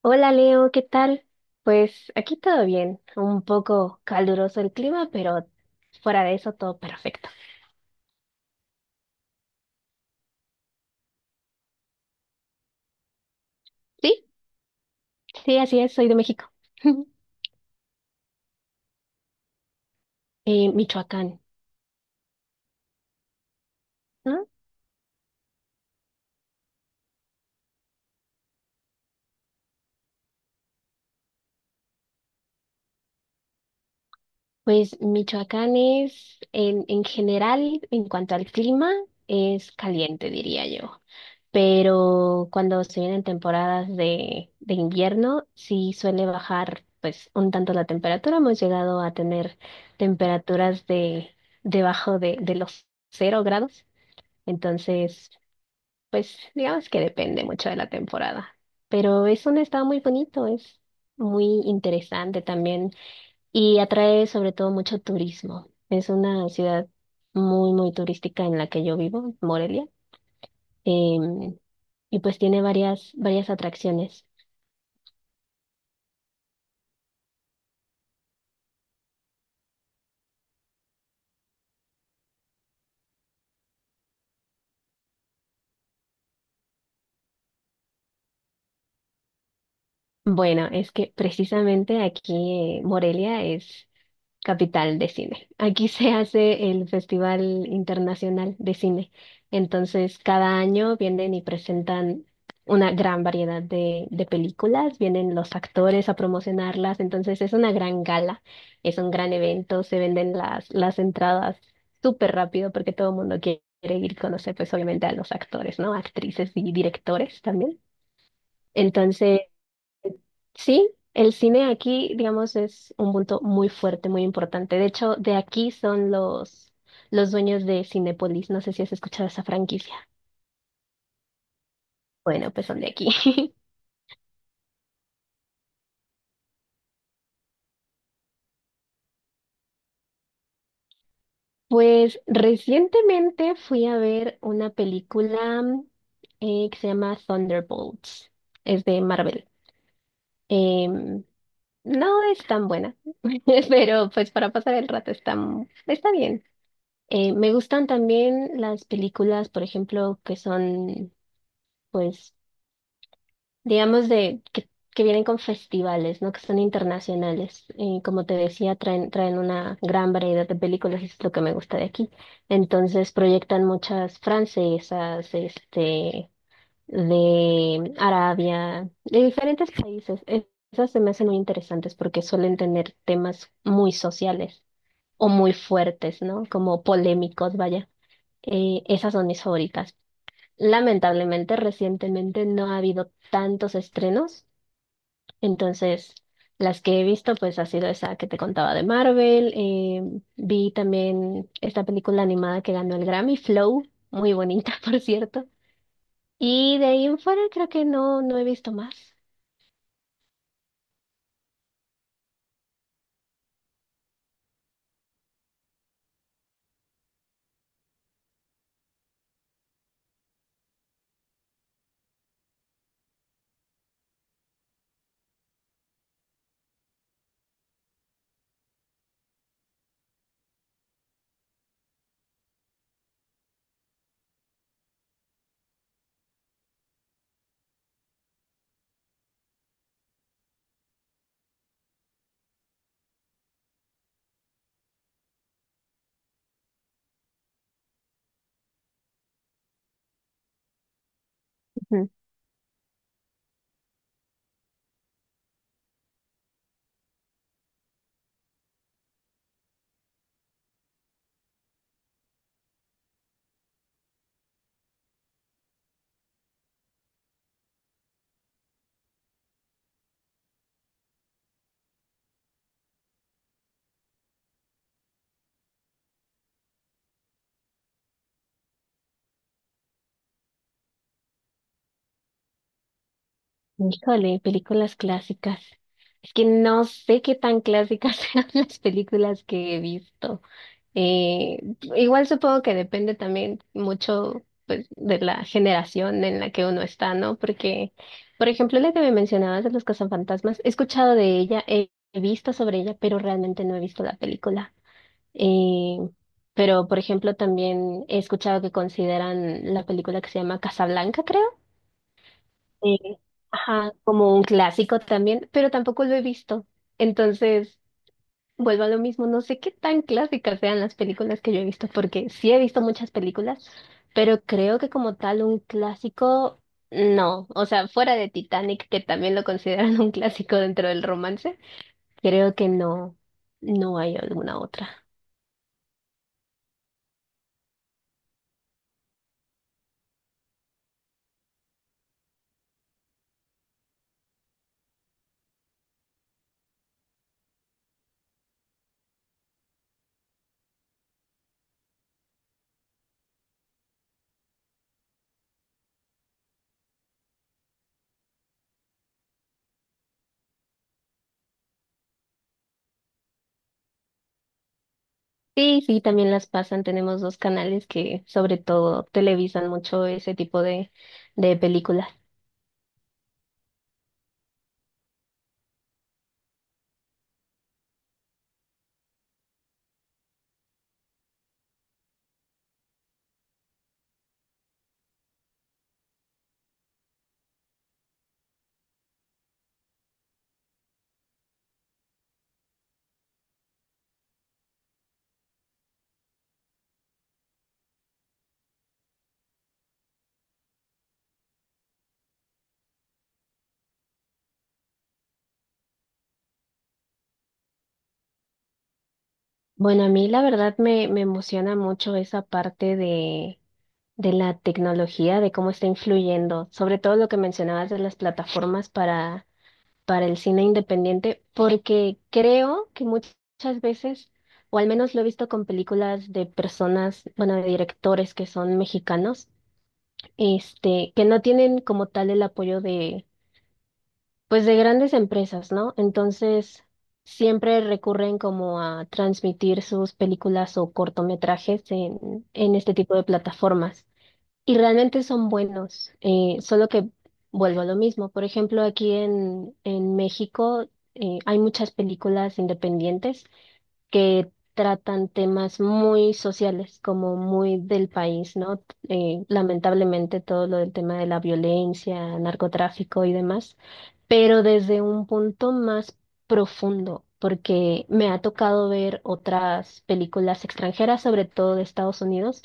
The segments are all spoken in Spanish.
Hola Leo, ¿qué tal? Pues aquí todo bien, un poco caluroso el clima, pero fuera de eso todo perfecto. Sí, sí, así es, soy de México. Michoacán, ¿no? Pues Michoacán es, en general, en cuanto al clima, es caliente, diría yo. Pero cuando se vienen temporadas de invierno, sí suele bajar pues un tanto la temperatura. Hemos llegado a tener temperaturas de debajo de los cero grados. Entonces, pues digamos que depende mucho de la temporada. Pero es un estado muy bonito, es muy interesante también y atrae sobre todo mucho turismo. Es una ciudad muy, muy turística en la que yo vivo, Morelia. Em, y pues tiene varias, varias atracciones. Bueno, es que precisamente aquí Morelia es capital de cine. Aquí se hace el Festival Internacional de Cine. Entonces, cada año vienen y presentan una gran variedad de películas, vienen los actores a promocionarlas, entonces es una gran gala, es un gran evento, se venden las entradas súper rápido porque todo el mundo quiere ir a conocer, pues obviamente a los actores, ¿no? Actrices y directores también. Entonces, sí, el cine aquí, digamos, es un punto muy fuerte, muy importante. De hecho, de aquí son los dueños de Cinépolis. No sé si has escuchado esa franquicia. Bueno, pues son de aquí. Pues recientemente fui a ver una película que se llama Thunderbolts. Es de Marvel. Em, no es tan buena, pero pues para pasar el rato está, está bien. Me gustan también las películas, por ejemplo, que son, pues, digamos, que vienen con festivales, ¿no? Que son internacionales. Como te decía, traen, traen una gran variedad de películas, y es lo que me gusta de aquí. Entonces, proyectan muchas francesas, este, de Arabia, de diferentes países. Esas se me hacen muy interesantes porque suelen tener temas muy sociales o muy fuertes, ¿no? Como polémicos, vaya. Esas son mis favoritas. Lamentablemente, recientemente no ha habido tantos estrenos, entonces las que he visto pues ha sido esa que te contaba de Marvel. Vi también esta película animada que ganó el Grammy, Flow, muy bonita, por cierto. Y de ahí en fuera creo que no, no he visto más. Ujú. Híjole, películas clásicas. Es que no sé qué tan clásicas eran las películas que he visto. Eh, Igual supongo que depende también mucho pues, de la generación en la que uno está, ¿no? Porque, por ejemplo, la que me mencionabas de los cazafantasmas, he escuchado de ella, he visto sobre ella, pero realmente no he visto la película. Eh, pero, por ejemplo, también he escuchado que consideran la película que se llama Casablanca, creo. eh, ajá, como un clásico también, pero tampoco lo he visto. Entonces, vuelvo a lo mismo, no sé qué tan clásicas sean las películas que yo he visto, porque sí he visto muchas películas, pero creo que como tal un clásico, no. O sea, fuera de Titanic, que también lo consideran un clásico dentro del romance, creo que no, no hay alguna otra. Sí, sí, también las pasan. Tenemos dos canales que sobre todo televisan mucho ese tipo de películas. Bueno, a mí la verdad me, me emociona mucho esa parte de la tecnología, de cómo está influyendo, sobre todo lo que mencionabas de las plataformas para el cine independiente, porque creo que muchas veces, o al menos lo he visto con películas de personas, bueno, de directores que son mexicanos, este, que no tienen como tal el apoyo de, pues de grandes empresas, ¿no? Entonces, siempre recurren como a transmitir sus películas o cortometrajes en este tipo de plataformas. Y realmente son buenos, solo que vuelvo a lo mismo. Por ejemplo, aquí en México hay muchas películas independientes que tratan temas muy sociales, como muy del país, ¿no? Lamentablemente todo lo del tema de la violencia, narcotráfico y demás, pero desde un punto más profundo, porque me ha tocado ver otras películas extranjeras, sobre todo de Estados Unidos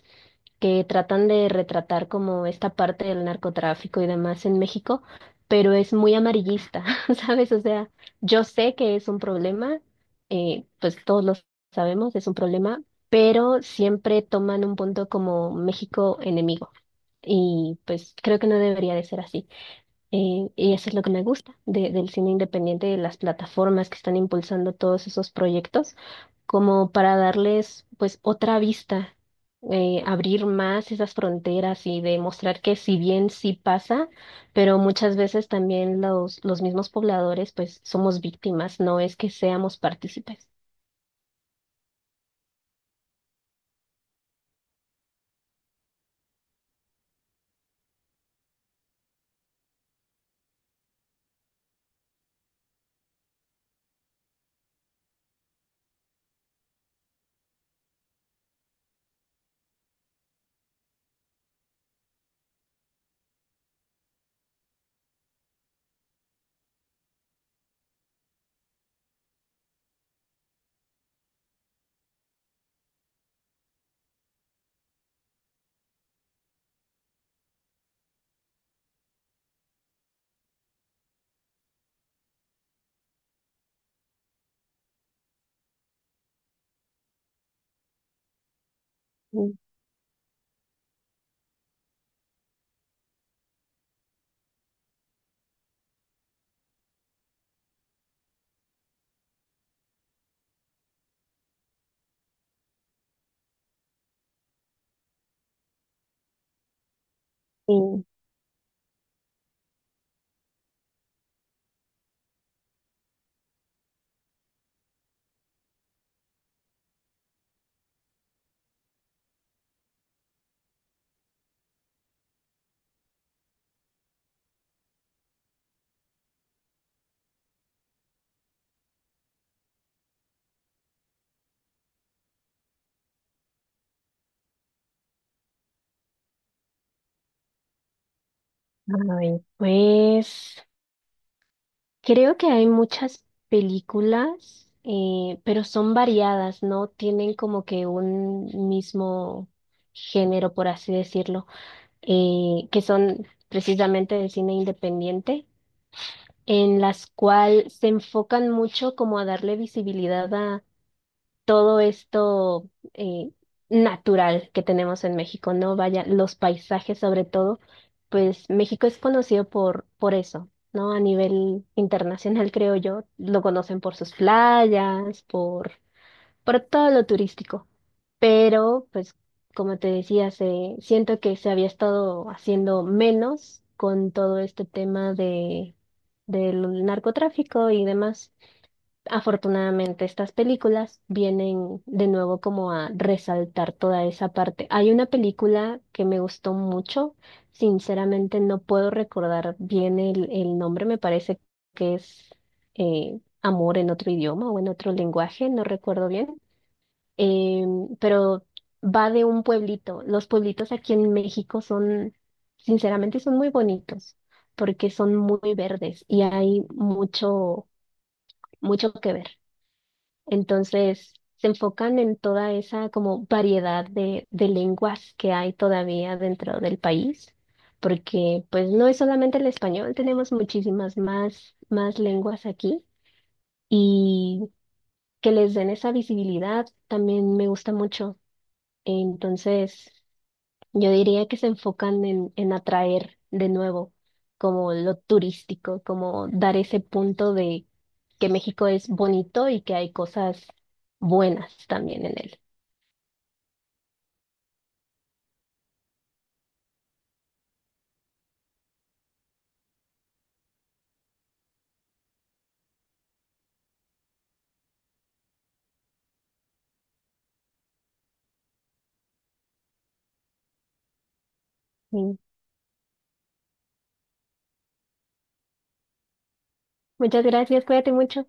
que tratan de retratar como esta parte del narcotráfico y demás en México, pero es muy amarillista, ¿sabes? O sea, yo sé que es un problema, pues todos lo sabemos, es un problema, pero siempre toman un punto como México enemigo y pues creo que no debería de ser así. Y eso es lo que me gusta del cine independiente, de las plataformas que están impulsando todos esos proyectos, como para darles pues otra vista, abrir más esas fronteras y demostrar que si bien sí pasa, pero muchas veces también los mismos pobladores pues somos víctimas, no es que seamos partícipes. Mm, y, a pues creo que hay muchas películas, pero son variadas, no tienen como que un mismo género, por así decirlo, que son precisamente de cine independiente, en las cuales se enfocan mucho como a darle visibilidad todo esto natural que tenemos en México, ¿no? Vaya, los paisajes sobre todo, pues México es conocido por eso, ¿no? A nivel internacional, creo yo, lo conocen por sus playas, por todo lo turístico. Pero, pues, como te decía, se, siento que se había estado haciendo menos con todo este tema de, del narcotráfico y demás. Afortunadamente, estas películas vienen de nuevo como a resaltar toda esa parte. Hay una película que me gustó mucho, sinceramente no puedo recordar bien el nombre, me parece que es Amor en otro idioma o en otro lenguaje, no recuerdo bien, pero va de un pueblito. Los pueblitos aquí en México son, sinceramente, son muy bonitos porque son muy verdes y hay mucho, mucho que ver. Entonces, se enfocan en toda esa como variedad de lenguas que hay todavía dentro del país, porque pues no es solamente el español, tenemos muchísimas más, más lenguas aquí y que les den esa visibilidad también me gusta mucho. Entonces, yo diría que se enfocan en atraer de nuevo como lo turístico, como dar ese punto de que México es bonito y que hay cosas buenas también en él. Mm. Muchas gracias, cuídate mucho.